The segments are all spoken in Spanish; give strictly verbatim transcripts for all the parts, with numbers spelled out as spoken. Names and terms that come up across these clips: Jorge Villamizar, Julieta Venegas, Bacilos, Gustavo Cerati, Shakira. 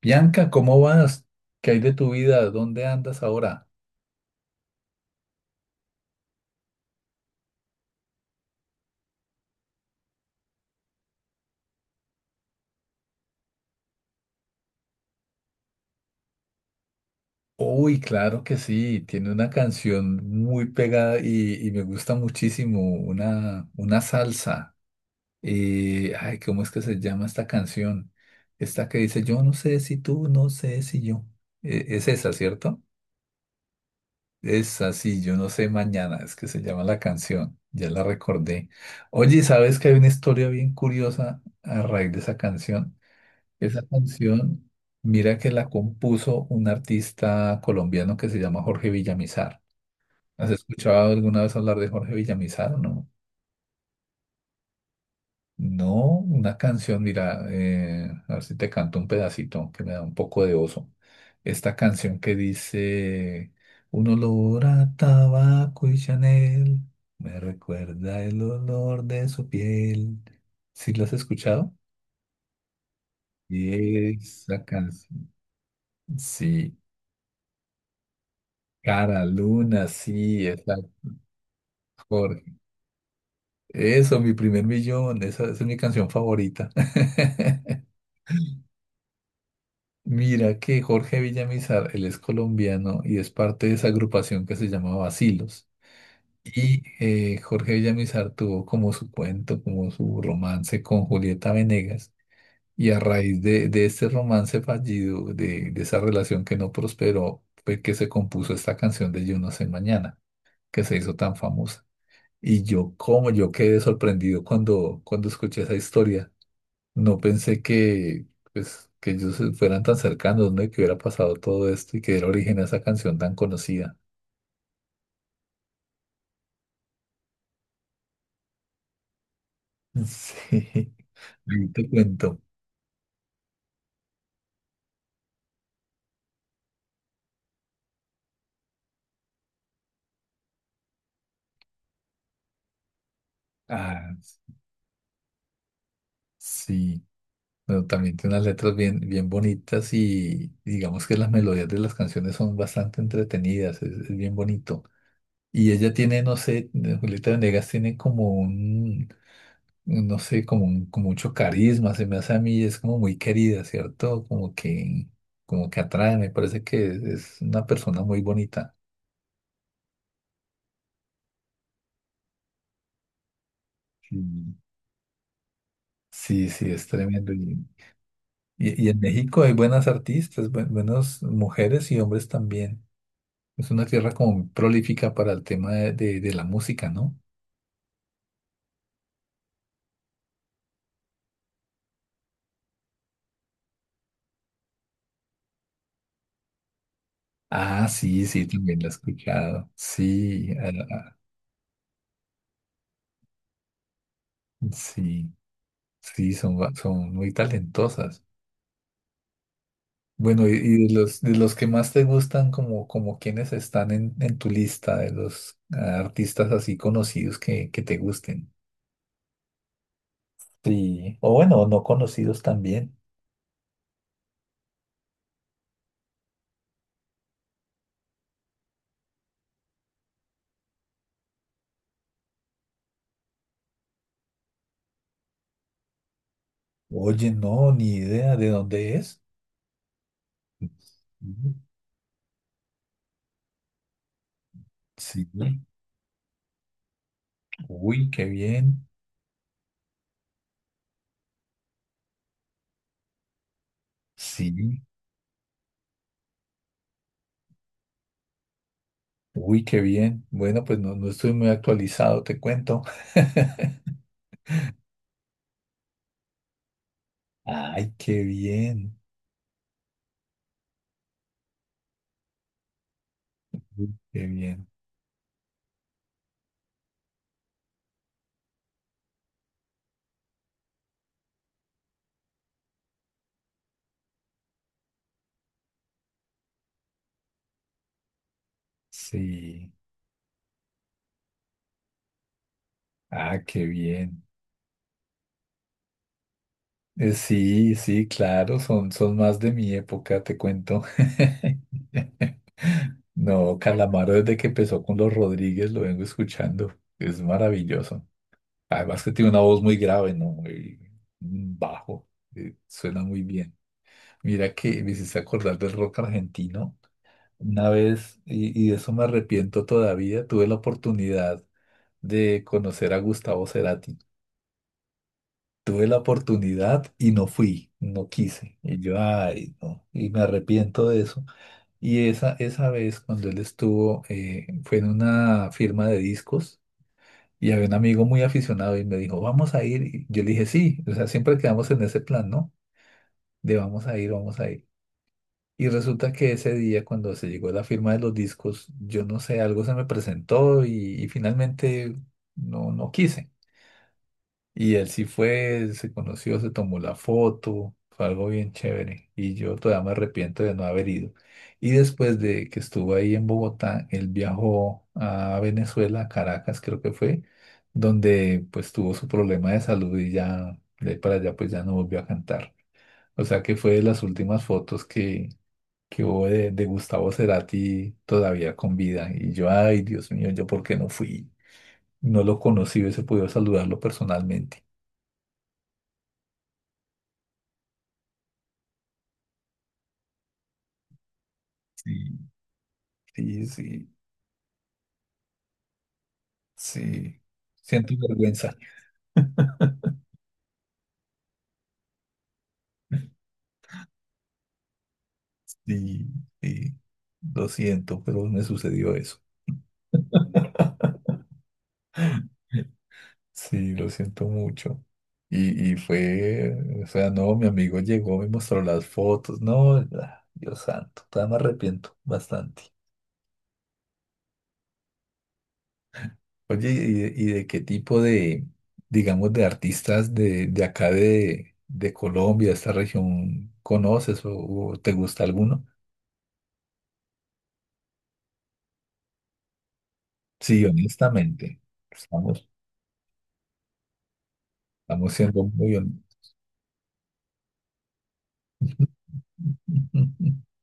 Bianca, ¿cómo vas? ¿Qué hay de tu vida? ¿Dónde andas ahora? Uy, claro que sí, tiene una canción muy pegada y, y me gusta muchísimo, una, una salsa. Eh, ay, ¿cómo es que se llama esta canción? Esta que dice, yo no sé si tú, no sé si yo. Eh, es esa, ¿cierto? Es así, yo no sé mañana, es que se llama la canción, ya la recordé. Oye, ¿sabes que hay una historia bien curiosa a raíz de esa canción? Esa canción, mira que la compuso un artista colombiano que se llama Jorge Villamizar. ¿Has escuchado alguna vez hablar de Jorge Villamizar o no? No, una canción, mira, eh, a ver si te canto un pedacito que me da un poco de oso. Esta canción que dice, un olor a tabaco y Chanel me recuerda el olor de su piel. ¿Sí lo has escuchado? Y esa canción, sí. Cara, Luna, sí, es la mejor. Eso, mi primer millón, esa, esa es mi canción favorita. Mira que Jorge Villamizar, él es colombiano y es parte de esa agrupación que se llamaba Bacilos. Y eh, Jorge Villamizar tuvo como su cuento, como su romance con Julieta Venegas. Y a raíz de, de este romance fallido, de, de esa relación que no prosperó, fue que se compuso esta canción de Yo no sé mañana, que se hizo tan famosa. Y yo, como yo quedé sorprendido cuando, cuando escuché esa historia. No pensé que, pues, que ellos se fueran tan cercanos, ¿no? Y que hubiera pasado todo esto y que era origen a esa canción tan conocida. Sí, ahí te cuento. Ah, sí. Bueno, también tiene unas letras bien, bien bonitas y digamos que las melodías de las canciones son bastante entretenidas, es, es bien bonito. Y ella tiene, no sé, eh, Julieta Venegas tiene como un, no sé, como un- con mucho carisma, se me hace a mí, es como muy querida, ¿cierto? Como que, como que atrae, me parece que es, es una persona muy bonita. Mm. Sí, sí, es tremendo. Y, y- y en México hay buenas artistas, buen- buenas mujeres y hombres también. Es una tierra como prolífica para el tema de, de- de la música, ¿no? Ah, sí, sí, también la he escuchado. Sí, a- a- sí, sí, son, ba- son muy talentosas. Bueno, y, y de los, de los que más te gustan, como, como quienes están en, en tu lista, de los ah, artistas así conocidos que, que te gusten. Sí. O bueno, no conocidos también. Oye, no, ni idea de dónde es. Ujú. Sí. Uy, qué bien. Sí. Uy, qué bien. Bueno, pues no, no estoy muy actualizado, te cuento. Ay, qué bien. Uy, qué bien. Sí. Ah, qué bien. Eh, Sí, sí, claro, son, son más de mi época, te cuento. No, Calamaro desde que empezó con los Rodríguez lo vengo escuchando. Es maravilloso. Además que tiene una voz muy grave, ¿no? Y un bajo. Eh, suena muy bien. Mira que me hiciste acordar del rock argentino. Una vez, y, y de eso me arrepiento todavía, tuve la oportunidad de conocer a Gustavo Cerati. Tuve la oportunidad y no fui, no quise. Y yo, ay, no, y me arrepiento de eso. Y esa, esa vez cuando él estuvo, eh, fue en una firma de discos y había un amigo muy aficionado y me dijo, vamos a ir. Y yo le dije, sí, o sea, siempre quedamos en ese plan, ¿no? De vamos a ir, vamos a ir. Y resulta que ese día cuando se llegó la firma de los discos, yo no sé, algo se me presentó y, y finalmente no, no quise. Y él sí fue, se conoció, se tomó la foto, fue algo bien chévere. Y yo todavía me arrepiento de no haber ido. Y después de que estuvo ahí en Bogotá, él viajó a Venezuela, a Caracas creo que fue, donde pues tuvo su problema de salud y ya de ahí para allá pues ya no volvió a cantar. O sea que fue de las últimas fotos que, que hubo de, de Gustavo Cerati todavía con vida. Y yo, ay, Dios mío, ¿yo por qué no fui? No lo conocí, hubiese podido saludarlo personalmente. Sí. Sí, sí, sí. Siento vergüenza. Sí, sí. Lo siento, pero me sucedió eso. Sí, lo siento mucho. Y, y fue, o sea, no, mi amigo llegó, me mostró las fotos. No, ah, Dios santo, todavía me arrepiento bastante. Oye, ¿y de, y de qué tipo de, digamos, de artistas de, de acá de, de Colombia, esta región, conoces o, o te gusta alguno? Sí, honestamente, estamos Estamos siendo muy honestos.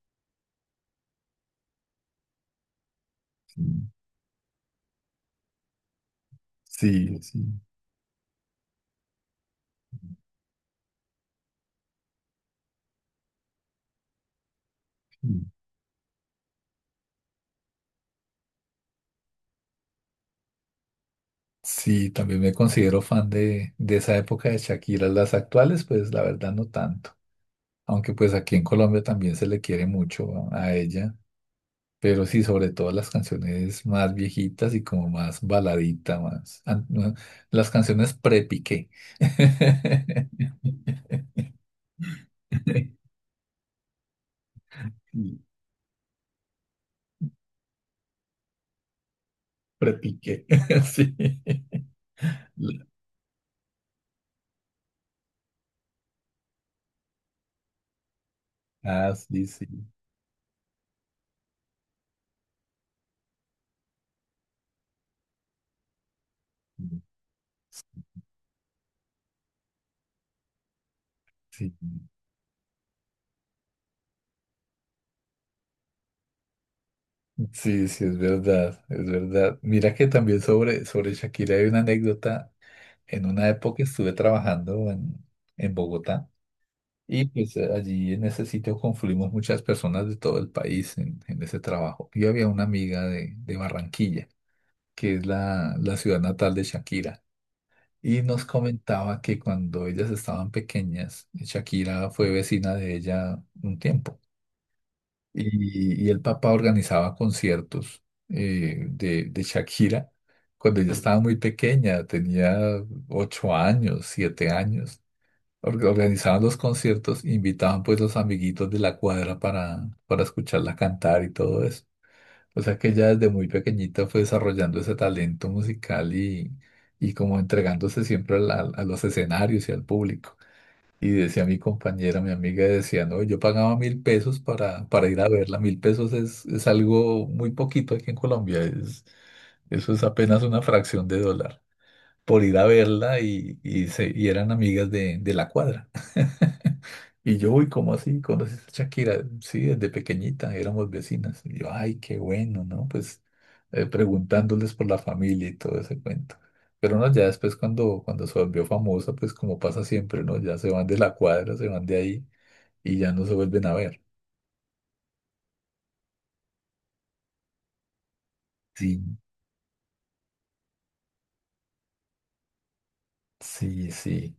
Sí, sí, sí. Sí, Sí, también me considero fan de, de esa época de Shakira. Las actuales, pues la verdad no tanto. Aunque pues aquí en Colombia también se le quiere mucho a, a ella. Pero sí, sobre todo las canciones más viejitas y como más baladita, más... an- no, Las canciones pre-Piqué. Sí, Pre-Piqué, sí. Ah, sí, sí. Sí. Sí, sí, es verdad, es verdad. Mira que también sobre, sobre Shakira hay una anécdota. En una época estuve trabajando en, en Bogotá y pues eh, allí en ese sitio confluimos muchas personas de todo el país en, en ese trabajo. Y había una amiga de, de Barranquilla, que es la, la ciudad natal de Shakira, y nos comentaba que cuando ellas estaban pequeñas, Shakira fue vecina de ella un tiempo. Y, y el papá organizaba conciertos eh, de, de Shakira cuando ella estaba muy pequeña, tenía ocho años, siete años. Or- Organizaban los conciertos, invitaban pues los amiguitos de la cuadra para, para escucharla cantar y todo eso. O sea que ella desde muy pequeñita fue desarrollando ese talento musical y, y como entregándose siempre al- al- a los escenarios y al público. Y decía mi compañera, mi amiga, decía, no, yo pagaba mil pesos para, para ir a verla. Mil pesos es, es algo muy poquito aquí en Colombia. Es, eso es apenas una fracción de dólar por ir a verla y, y, se, y eran amigas de, de la cuadra. Y yo, uy, ¿cómo así? ¿Conoces a Shakira? Sí, desde pequeñita, éramos vecinas. Y yo, ay, qué bueno, ¿no? Pues eh, preguntándoles por la familia y todo ese cuento. Pero no, ya después cuando, cuando se volvió famosa, pues como pasa siempre, ¿no? Ya se van de la cuadra, se van de ahí y ya no se vuelven a ver. Sí, sí, sí.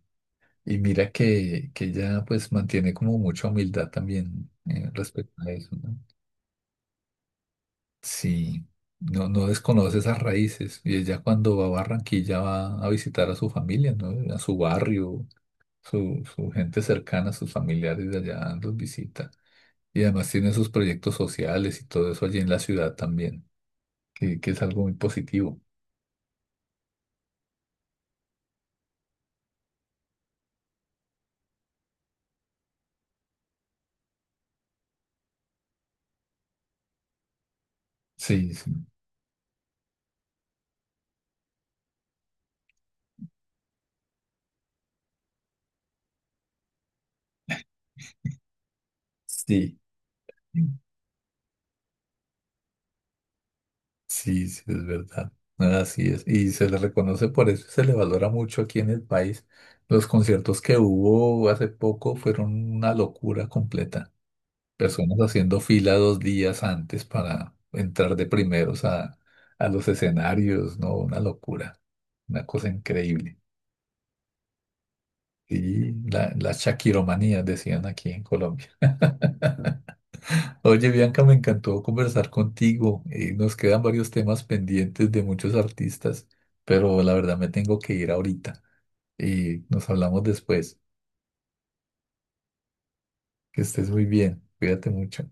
Y mira que, que ella pues mantiene como mucha humildad también eh, respecto a eso, ¿no? Sí, no, no desconoce esas raíces. Y ella cuando va a Barranquilla va a visitar a su familia, ¿no? A su barrio, su, su gente cercana, sus familiares de allá los visita. Y además tiene sus proyectos sociales y todo eso allí en la ciudad también, que, que es algo muy positivo. Sí, sí, sí, sí, sí, es verdad. Así es. Y se le reconoce por eso, se le valora mucho aquí en el país. Los conciertos que hubo hace poco fueron una locura completa. Personas haciendo fila dos días antes para entrar de primeros a, a los escenarios, ¿no? Una locura, una cosa increíble. Y la, la shakiromanía, decían aquí en Colombia. Oye, Bianca, me encantó conversar contigo. Eh, nos quedan varios temas pendientes de muchos artistas, pero la verdad me tengo que ir ahorita. Y nos hablamos después. Que estés muy bien. Cuídate mucho.